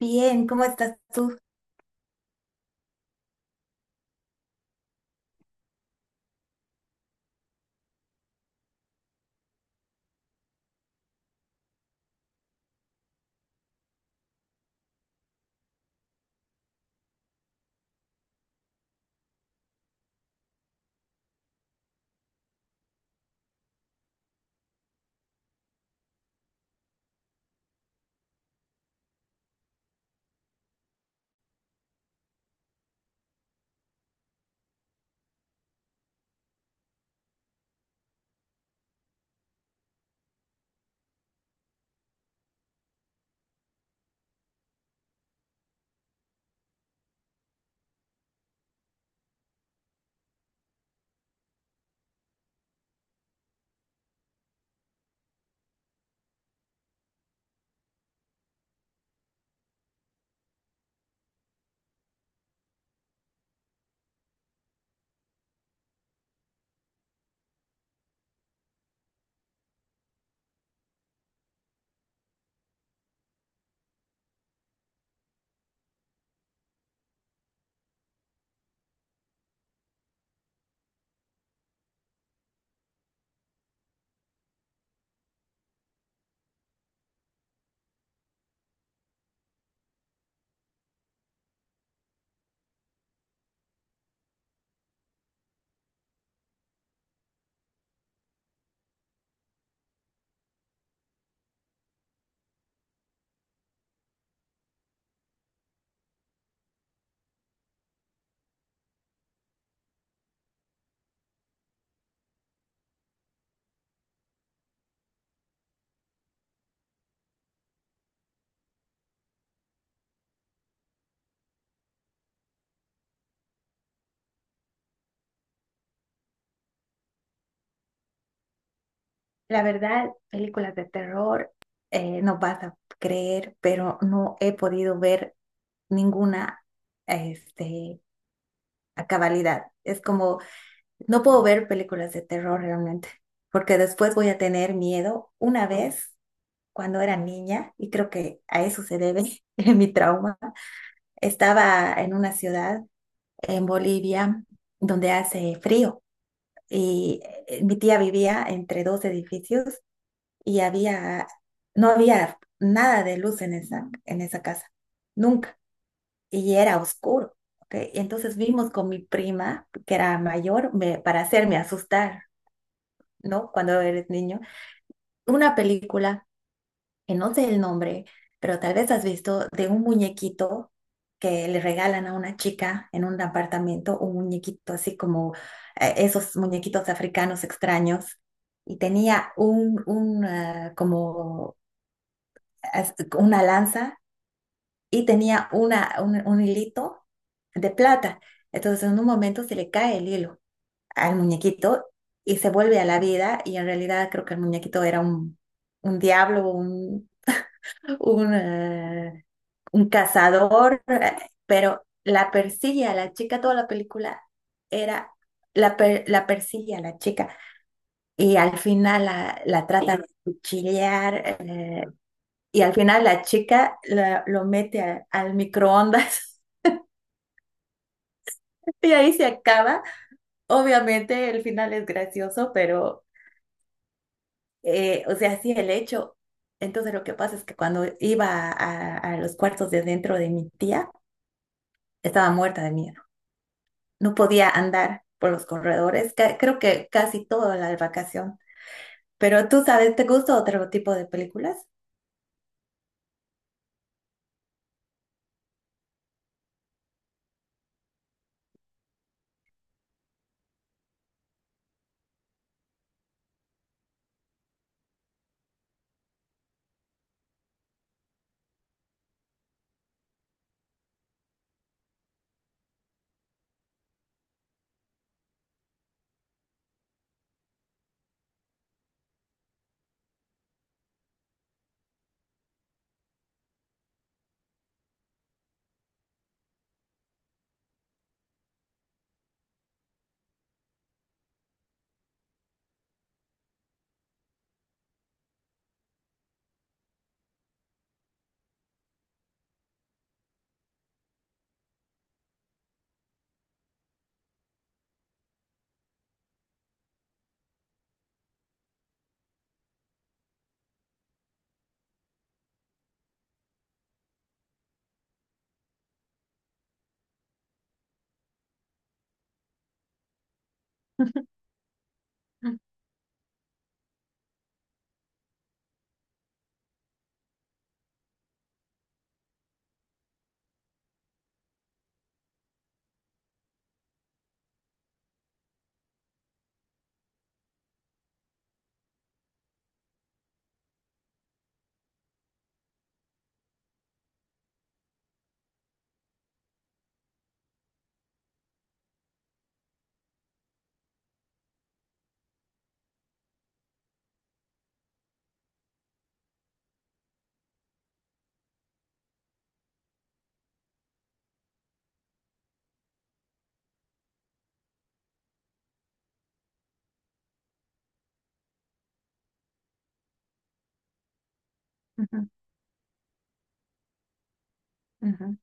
Bien, ¿cómo estás tú? La verdad, películas de terror, no vas a creer, pero no he podido ver ninguna, este, a cabalidad. Es como, no puedo ver películas de terror realmente, porque después voy a tener miedo. Una vez, cuando era niña, y creo que a eso se debe mi trauma, estaba en una ciudad en Bolivia donde hace frío y mi tía vivía entre dos edificios y no había nada de luz en esa casa, nunca, y era oscuro, ¿ok? Y entonces vimos con mi prima, que era mayor, para hacerme asustar, ¿no? Cuando eres niño, una película, que no sé el nombre, pero tal vez has visto de un muñequito que le regalan a una chica en un apartamento, un muñequito así como esos muñequitos africanos extraños y tenía un, como una lanza y tenía un hilito de plata. Entonces en un momento se le cae el hilo al muñequito y se vuelve a la vida, y en realidad creo que el muñequito era un diablo, un, eh, un cazador, pero la persigue a la chica, toda la película era... la persigue a la chica y al final la trata de cuchillar, y al final la chica lo mete al microondas y ahí se acaba. Obviamente el final es gracioso, pero, o sea, sí el hecho. Entonces lo que pasa es que cuando iba a los cuartos de dentro de mi tía, estaba muerta de miedo. No podía andar por los corredores, creo que casi toda la vacación. Pero tú sabes, ¿te gusta otro tipo de películas? Ujú, ujú, ujú.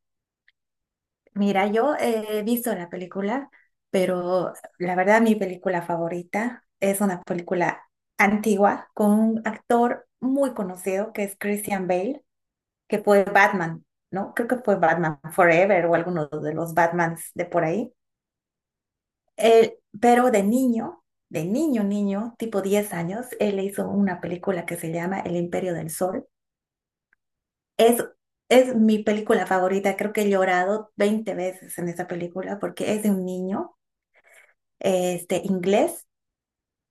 Mira, yo he visto la película, pero la verdad mi película favorita es una película antigua con un actor muy conocido que es Christian Bale, que fue Batman, ¿no? Creo que fue Batman Forever o alguno de los Batmans de por ahí. Él- pero de niño, niño, tipo 10 años, él hizo una película que se llama El Imperio del Sol. Es es mi película favorita, creo que he llorado 20 veces en esa película porque es de un niño. Inglés,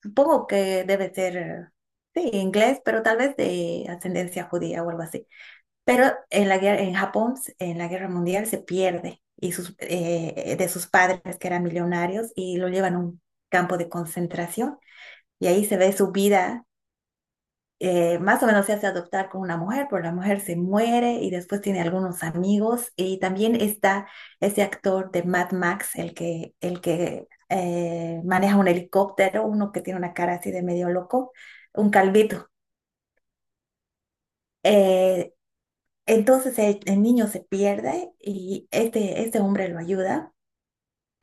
supongo que debe ser, sí, inglés, pero tal vez de ascendencia judía o algo así. Pero en la guerra, en Japón, en la Guerra Mundial se pierde y de sus padres que eran millonarios, y lo llevan a un campo de concentración y ahí se ve su vida. Más o menos se hace adoptar con una mujer, pero la mujer se muere y después tiene algunos amigos. Y también está ese actor de Mad Max, el que maneja un helicóptero, uno que tiene una cara así de medio loco, un calvito. Eh, entonces el niño se pierde y este hombre lo ayuda.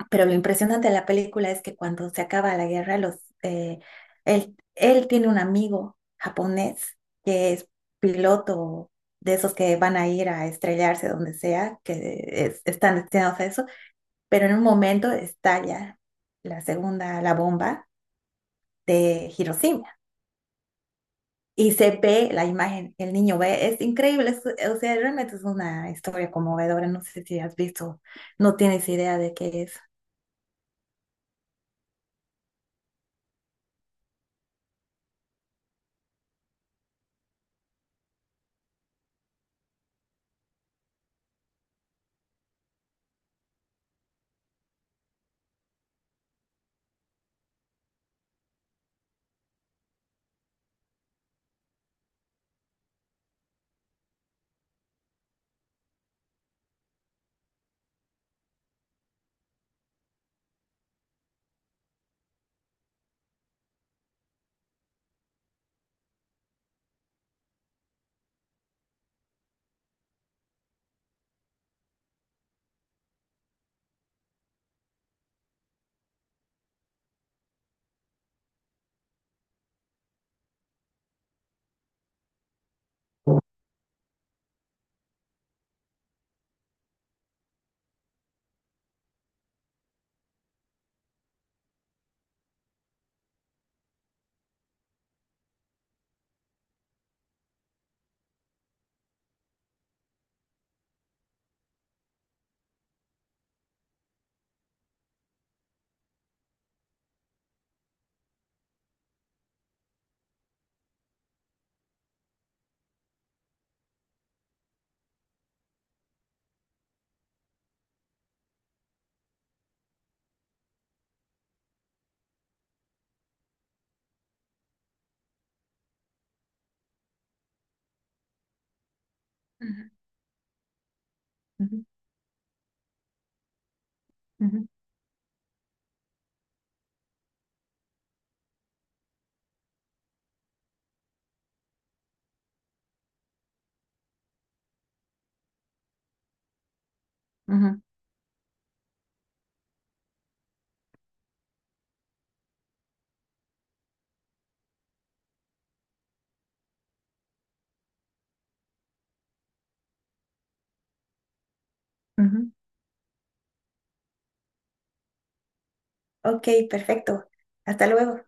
Pero lo impresionante de la película es que cuando se acaba la guerra, eh, él tiene un amigo japonés que es piloto, de esos que van a ir a estrellarse donde sea, están destinados a eso, pero en un momento estalla la bomba de Hiroshima. Y se ve la imagen, el niño ve, es increíble, o sea, realmente es una historia conmovedora, no sé si has visto, no tienes idea de qué es. Ujú, ujú, ujú, ujú, ujú. Ok, perfecto. Hasta luego.